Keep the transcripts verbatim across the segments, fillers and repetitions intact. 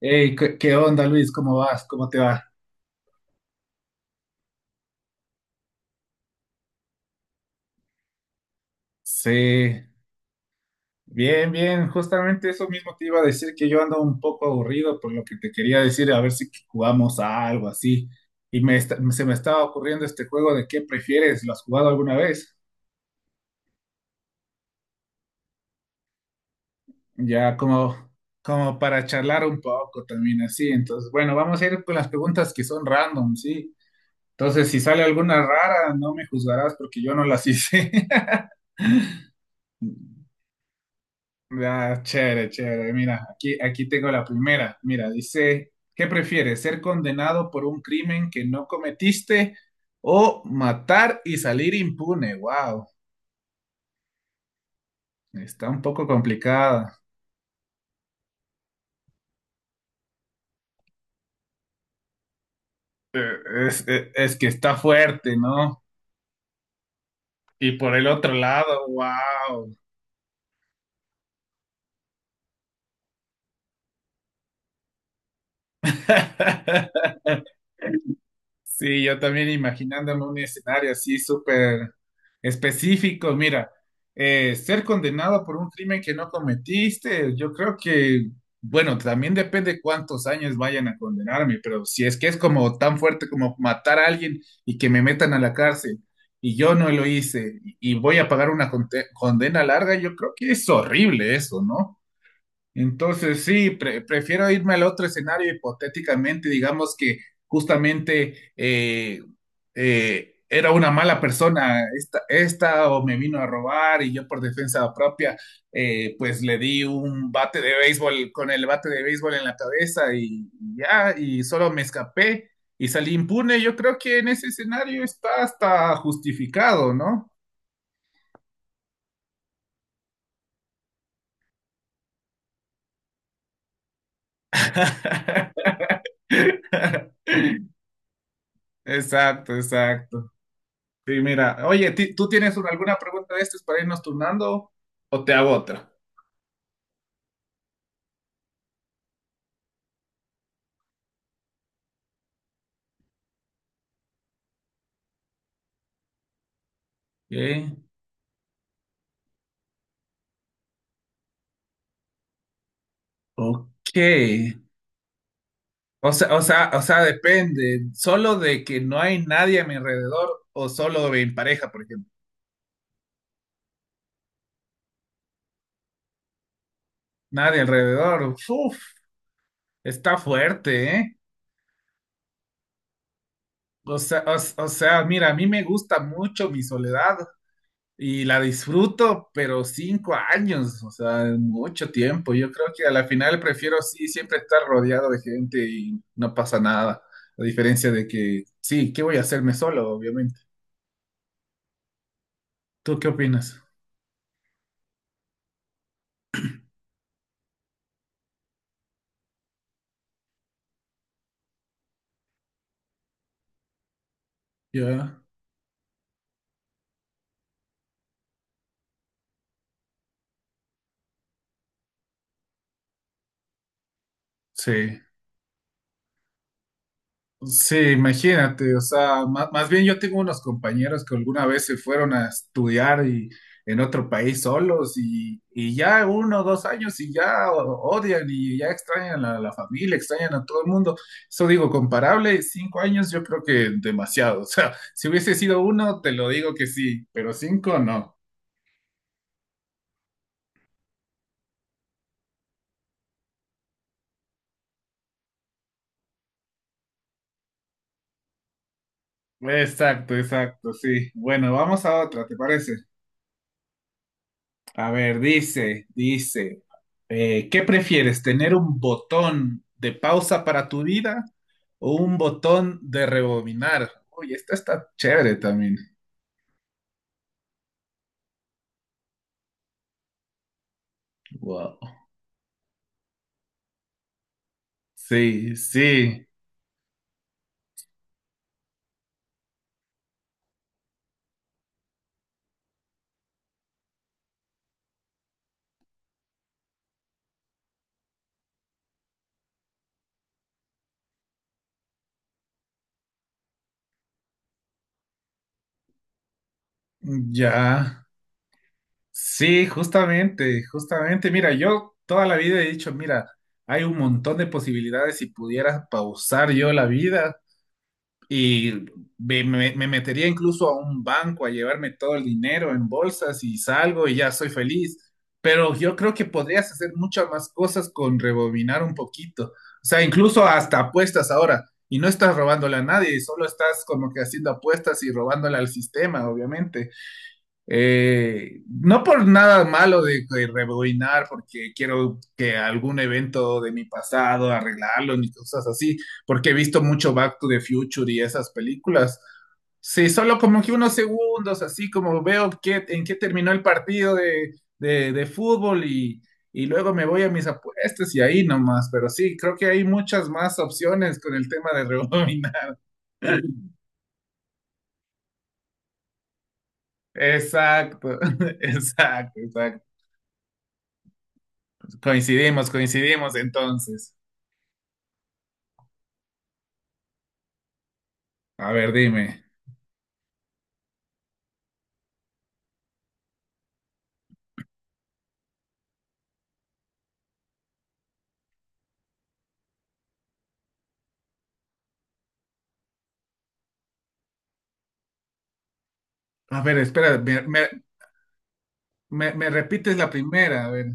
Hey, ¿qué qué onda, Luis? ¿Cómo vas? ¿Cómo te va? Sí, bien, bien. Justamente eso mismo te iba a decir que yo ando un poco aburrido por lo que te quería decir, a ver si jugamos a algo así. Y me esta- se me estaba ocurriendo este juego de qué prefieres. ¿Lo has jugado alguna vez? Ya como, como para charlar un poco también así. Entonces, bueno, vamos a ir con las preguntas que son random, ¿sí? Entonces, si sale alguna rara, no me juzgarás porque yo no las hice. Ah, chévere, chévere. Mira, aquí, aquí tengo la primera. Mira, dice, ¿qué prefieres? ¿Ser condenado por un crimen que no cometiste o matar y salir impune? Wow, está un poco complicada. Eh, Es, es- es que está fuerte, ¿no? Y por el otro lado, wow. Sí, yo también imaginándome un escenario así súper específico. Mira, eh, ser condenado por un crimen que no cometiste, yo creo que, bueno, también depende cuántos años vayan a condenarme, pero si es que es como tan fuerte como matar a alguien y que me metan a la cárcel y yo no lo hice y y voy a pagar una conte- condena larga, yo creo que es horrible eso, ¿no? Entonces, sí, pre- prefiero irme al otro escenario hipotéticamente, digamos que justamente eh, eh, era una mala persona esta, esta o me vino a robar y yo por defensa propia, eh, pues le di un bate de béisbol con el bate de béisbol en la cabeza y ya, y solo me escapé y salí impune. Yo creo que en ese escenario está hasta justificado, ¿no? Exacto, exacto. Sí, mira, oye, ti- ¿tú tienes un- alguna pregunta de estas para irnos turnando o te hago otra? ¿Qué? Ok. O sea, o sea, o sea, depende. Solo de que no hay nadie a mi alrededor o solo en pareja, por ejemplo. Nadie alrededor. Uf, está fuerte, ¿eh? O sea, o, o sea, mira, a mí me gusta mucho mi soledad. Y la disfruto, pero cinco años, o sea, es mucho tiempo. Yo creo que a la final prefiero sí siempre estar rodeado de gente y no pasa nada. A diferencia de que, sí, ¿qué voy a hacerme solo, obviamente? ¿Tú qué opinas? Yo, sí. Sí, imagínate, o sea, ma- más, bien yo tengo unos compañeros que alguna vez se fueron a estudiar y, en otro país solos y, y ya uno o dos años y ya o- odian y ya extrañan a la familia, extrañan a todo el mundo. Eso digo, comparable, cinco años yo creo que demasiado, o sea, si hubiese sido uno, te lo digo que sí, pero cinco no. Exacto, exacto, sí. Bueno, vamos a otra, ¿te parece? A ver, dice, dice, eh, ¿qué prefieres, tener un botón de pausa para tu vida o un botón de rebobinar? Uy, esta está chévere también. Wow. Sí, sí, ya. Sí, justamente, justamente. Mira, yo toda la vida he dicho, mira, hay un montón de posibilidades si pudiera pausar yo la vida. Y me, me- me metería incluso a un banco a llevarme todo el dinero en bolsas y salgo y ya soy feliz. Pero yo creo que podrías hacer muchas más cosas con rebobinar un poquito. O sea, incluso hasta apuestas ahora. Y no estás robándole a nadie, solo estás como que haciendo apuestas y robándole al sistema, obviamente. Eh, no por nada malo de, de rebobinar, porque quiero que algún evento de mi pasado arreglarlo ni cosas así, porque he visto mucho Back to the Future y esas películas. Sí, solo como que unos segundos, así como veo qué, en qué terminó el partido de, de, de fútbol y, y luego me voy a mis apuestas y ahí nomás, pero sí, creo que hay muchas más opciones con el tema de rebobinar. Exacto, exacto, exacto. Coincidimos, coincidimos entonces. A ver, dime. A ver, espera, me, me- me- me repites la primera, a ver.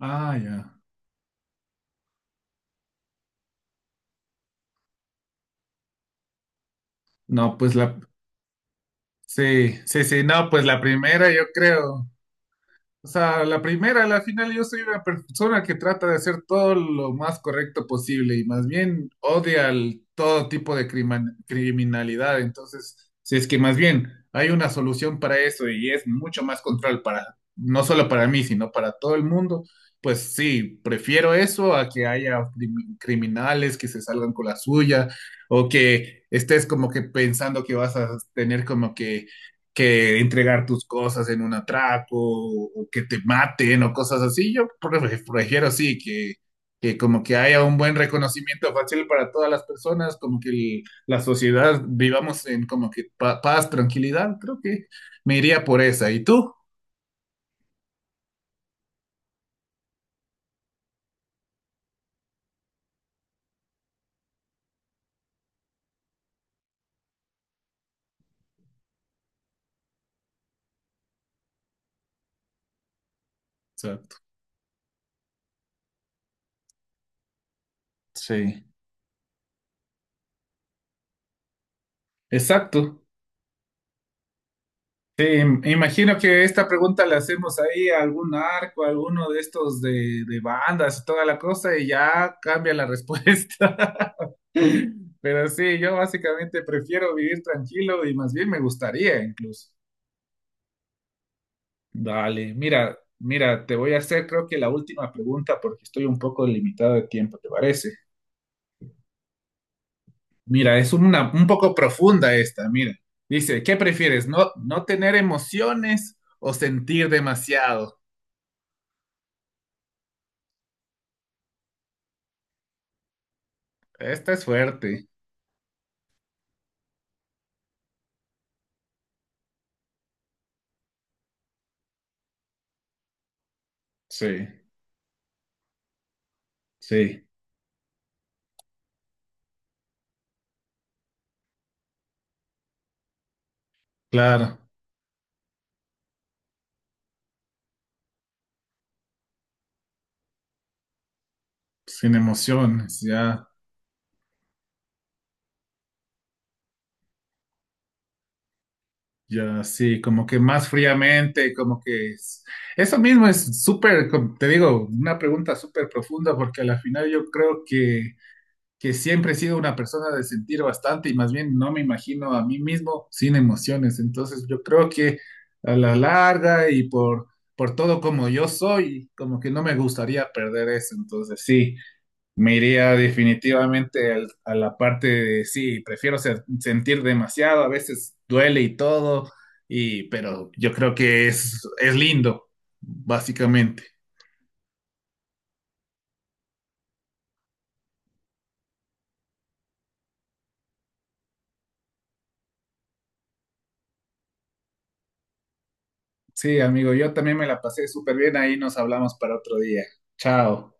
Ah, ya. No, pues la. Sí, sí, sí, no, pues la primera yo creo. O sea, la primera, a la final, yo soy una persona que trata de hacer todo lo más correcto posible y más bien odia al- todo tipo de criman- criminalidad. Entonces, si es que más bien hay una solución para eso y es mucho más control para, no solo para mí, sino para todo el mundo, pues sí, prefiero eso a que haya crimi- criminales que se salgan con la suya o que estés como que pensando que vas a tener como que que entregar tus cosas en un atraco o, o que te maten o cosas así. Yo pre- prefiero sí que, que, como que haya un buen reconocimiento fácil para todas las personas, como que el- la sociedad vivamos en como que pa- paz, tranquilidad. Creo que me iría por esa. ¿Y tú? Exacto. Sí. Exacto. Sí, im- imagino que esta pregunta la hacemos ahí a algún arco, a alguno de estos de, de bandas y toda la cosa, y ya cambia la respuesta. Pero sí, yo básicamente prefiero vivir tranquilo y más bien me gustaría incluso. Dale, mira, mira, te voy a hacer creo que la última pregunta porque estoy un poco limitado de tiempo, ¿te parece? Mira, es una un poco profunda esta, mira. Dice, ¿qué prefieres? ¿No, no tener emociones o sentir demasiado? Esta es fuerte. Sí, sí, claro, sin emociones, ya, ya, sí, como que más fríamente, como que es- eso mismo es súper, com- te digo, una pregunta súper profunda, porque a la final yo creo que, que, siempre he sido una persona de sentir bastante y más bien no me imagino a mí mismo sin emociones, entonces yo creo que a la larga y por, por todo como yo soy, como que no me gustaría perder eso, entonces sí. Me iría definitivamente al- a la parte de sí, prefiero ser- sentir demasiado, a veces duele y todo, y pero yo creo que es, es lindo, básicamente. Sí, amigo, yo también me la pasé súper bien, ahí nos hablamos para otro día. Chao.